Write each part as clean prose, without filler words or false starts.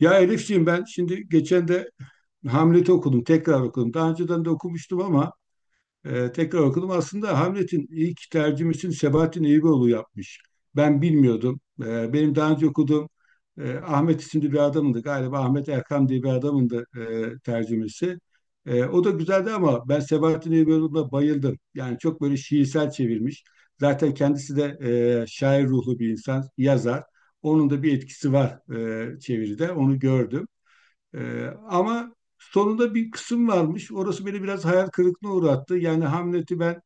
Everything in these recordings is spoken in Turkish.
Ya Elifciğim ben şimdi geçen de Hamlet'i okudum, tekrar okudum. Daha önceden de okumuştum ama tekrar okudum. Aslında Hamlet'in ilk tercümesini Sebahattin Eyüboğlu yapmış. Ben bilmiyordum. Benim daha önce okuduğum Ahmet isimli bir adamındı. Galiba Ahmet Erkam diye bir adamındı tercümesi. O da güzeldi ama ben Sebahattin Eyüboğlu'na bayıldım. Yani çok böyle şiirsel çevirmiş. Zaten kendisi de şair ruhlu bir insan, yazar. Onun da bir etkisi var çeviride. Onu gördüm. Ama sonunda bir kısım varmış. Orası beni biraz hayal kırıklığına uğrattı. Yani Hamlet'i ben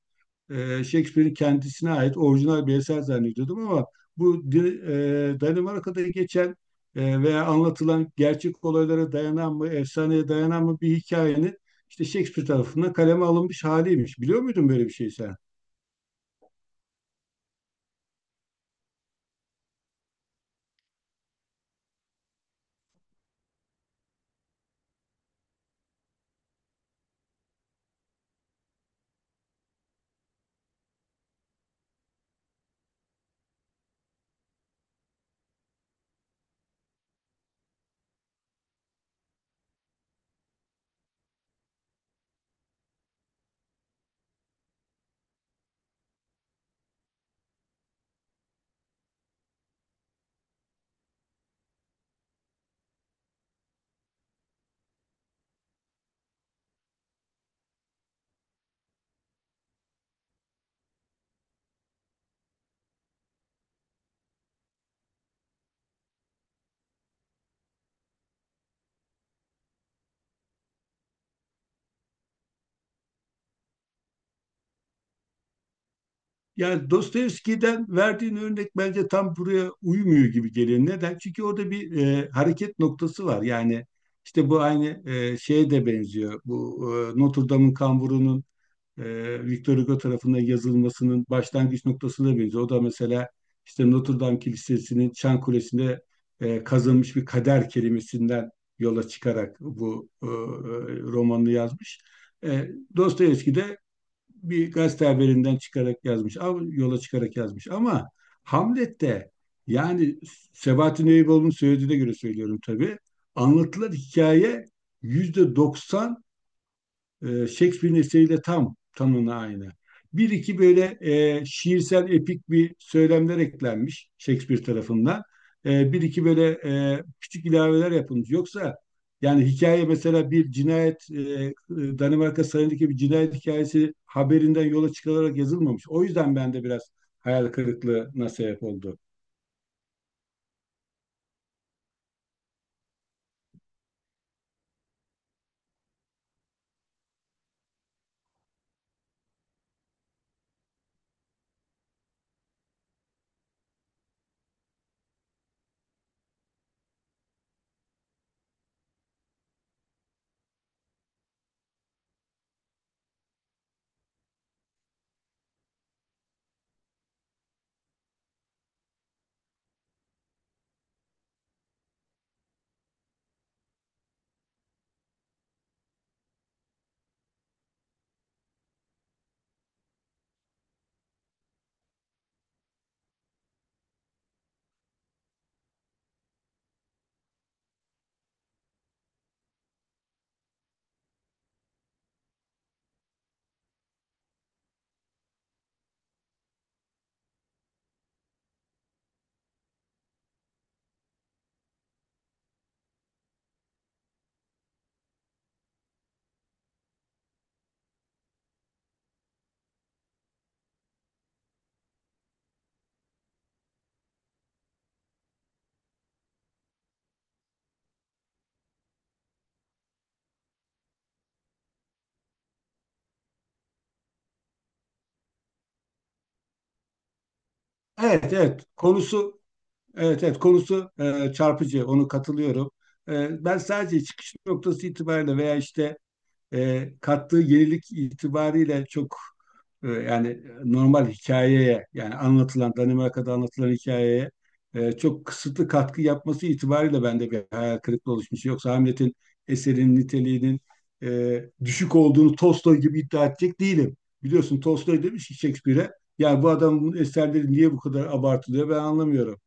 Shakespeare'in kendisine ait orijinal bir eser zannediyordum ama bu di- Danimarka'da geçen veya anlatılan gerçek olaylara dayanan mı, efsaneye dayanan mı bir hikayenin işte Shakespeare tarafından kaleme alınmış haliymiş. Biliyor muydun böyle bir şey sen? Yani Dostoyevski'den verdiğin örnek bence tam buraya uymuyor gibi geliyor. Neden? Çünkü orada bir hareket noktası var. Yani işte bu aynı şeye de benziyor. Bu Notre Dame'ın kamburunun e, Victor Hugo tarafından yazılmasının başlangıç noktasına benziyor. O da mesela işte Notre Dame Kilisesi'nin Çan Kulesi'nde kazılmış bir kader kelimesinden yola çıkarak bu romanını yazmış. E, Dostoyevski de bir gazete haberinden çıkarak yazmış, yola çıkarak yazmış. Ama Hamlet'te yani Sebahattin Eyüboğlu'nun söylediğine göre söylüyorum tabii. Anlatılan hikaye %90 Shakespeare'in eseriyle tam tanına aynı. Bir iki böyle şiirsel epik bir söylemler eklenmiş Shakespeare tarafından. Bir iki böyle küçük ilaveler yapılmış. Yoksa yani hikaye mesela bir cinayet Danimarka sarayındaki bir cinayet hikayesi haberinden yola çıkılarak yazılmamış. O yüzden bende biraz hayal kırıklığına sebep oldu. Evet, evet konusu, evet, evet konusu çarpıcı, onu katılıyorum. Ben sadece çıkış noktası itibariyle veya işte kattığı yenilik itibariyle çok yani normal hikayeye, yani anlatılan Danimarka'da anlatılan hikayeye çok kısıtlı katkı yapması itibariyle bende bir hayal kırıklığı oluşmuş. Yoksa Hamlet'in eserin niteliğinin düşük olduğunu Tolstoy gibi iddia edecek değilim. Biliyorsun Tolstoy demiş ki Shakespeare'e, ya bu adamın eserleri niye bu kadar abartılıyor, ben anlamıyorum.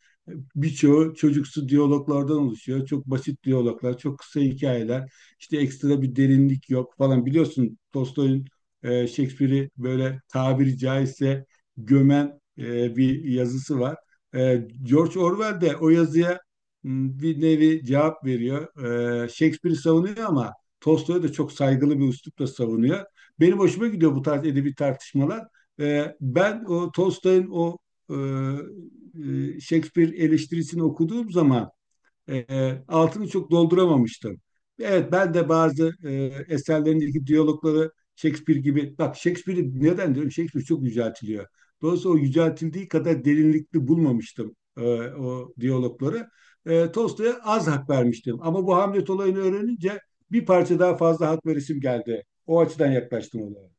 Birçoğu çocuksu diyaloglardan oluşuyor. Çok basit diyaloglar, çok kısa hikayeler. İşte ekstra bir derinlik yok falan. Biliyorsun Tolstoy'un Shakespeare'i böyle tabiri caizse gömen bir yazısı var. George Orwell de o yazıya bir nevi cevap veriyor. Shakespeare'i savunuyor ama Tolstoy'u da çok saygılı bir üslupla savunuyor. Benim hoşuma gidiyor bu tarz edebi tartışmalar. Ben o Tolstoy'un o e, Shakespeare eleştirisini okuduğum zaman altını çok dolduramamıştım. Evet, ben de bazı eserlerindeki diyalogları Shakespeare gibi, bak Shakespeare'i neden diyorum, Shakespeare çok yüceltiliyor. Dolayısıyla o yüceltildiği kadar derinlikli bulmamıştım o diyalogları. Tolstoy'a az hak vermiştim ama bu Hamlet olayını öğrenince bir parça daha fazla hak verisim geldi. O açıdan yaklaştım olaya.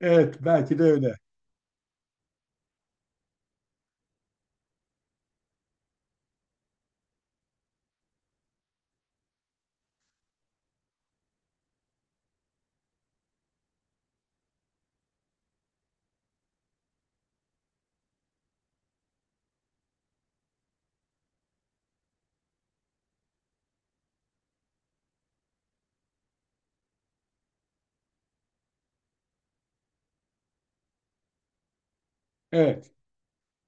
Evet belki de öyle. Evet.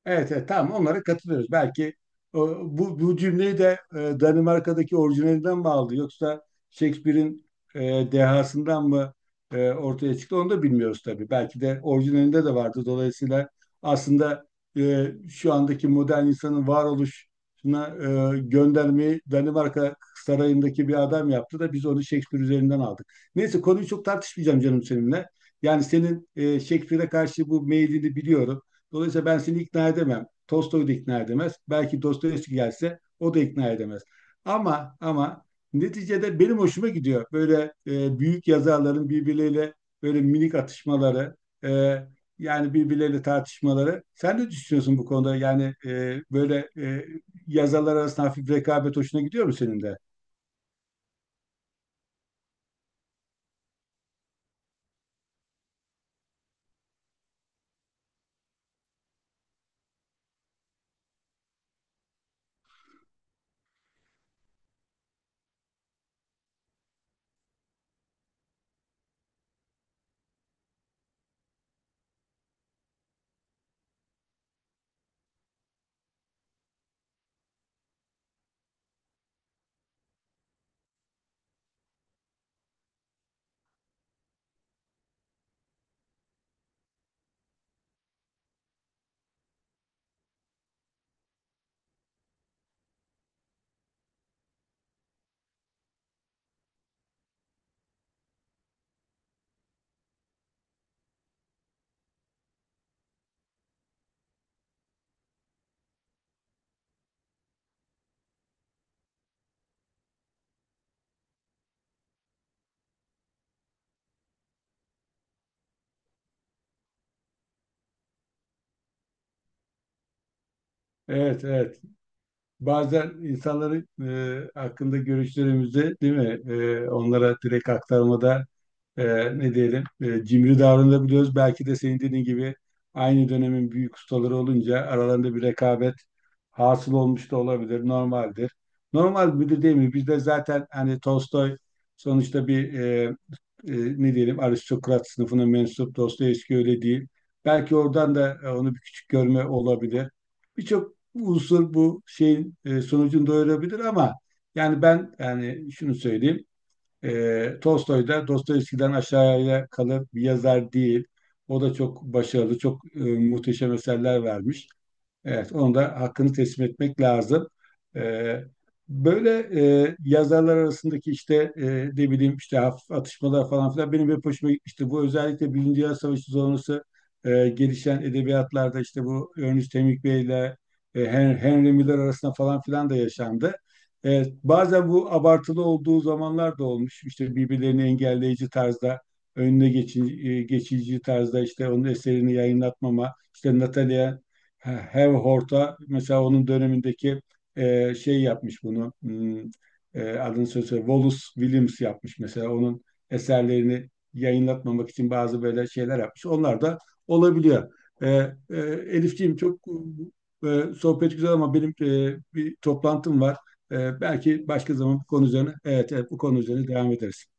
Evet, evet tamam, onlara katılıyoruz. Belki bu cümleyi de Danimarka'daki orijinalinden mi aldı yoksa Shakespeare'in dehasından mı ortaya çıktı, onu da bilmiyoruz tabii. Belki de orijinalinde de vardı. Dolayısıyla aslında şu andaki modern insanın varoluşuna göndermeyi Danimarka sarayındaki bir adam yaptı da biz onu Shakespeare üzerinden aldık. Neyse, konuyu çok tartışmayacağım canım seninle. Yani senin Shakespeare'e karşı bu meylini biliyorum. Dolayısıyla ben seni ikna edemem. Tolstoy da ikna edemez. Belki Dostoyevski gelse o da ikna edemez. Ama neticede benim hoşuma gidiyor böyle büyük yazarların birbirleriyle böyle minik atışmaları, e, yani birbirleriyle tartışmaları. Sen ne düşünüyorsun bu konuda? Yani böyle yazarlar arasında hafif rekabet hoşuna gidiyor mu senin de? Evet, evet. Bazen insanların hakkında görüşlerimizi, değil mi, onlara direkt aktarmada e, ne diyelim, cimri davranabiliyoruz. Belki de senin dediğin gibi aynı dönemin büyük ustaları olunca aralarında bir rekabet hasıl olmuş da olabilir. Normaldir. Normal bir de değil mi? Bizde zaten hani Tolstoy sonuçta bir ne diyelim aristokrat sınıfına mensup, Dostoyevski öyle değil. Belki oradan da onu bir küçük görme olabilir. Birçok unsur bu şeyin sonucunu doyurabilir ama yani ben, yani şunu söyleyeyim. Tolstoy da Dostoyevski'den aşağıya kalır bir yazar değil. O da çok başarılı, çok muhteşem eserler vermiş. Evet, onu da hakkını teslim etmek lazım. Ee, Böyle yazarlar arasındaki işte ne bileyim işte hafif atışmalar falan filan benim hep hoşuma gitmişti. Bu özellikle Birinci Dünya Savaşı sonrası gelişen edebiyatlarda işte bu Ernest Hemingway ile Henry Miller arasında falan filan da yaşandı. Bazen bu abartılı olduğu zamanlar da olmuş. İşte birbirlerini engelleyici tarzda, önüne geçici tarzda işte onun eserini yayınlatmama, işte Natalia Hev Horta mesela onun dönemindeki şey yapmış bunu, hmm, adını söylese Wallace Williams yapmış mesela onun eserlerini yayınlatmamak için bazı böyle şeyler yapmış. Onlar da olabiliyor. E, e, Elifciğim çok sohbet güzel ama benim bir toplantım var. Belki başka zaman bu konu üzerine, evet, evet bu konu üzerine devam ederiz.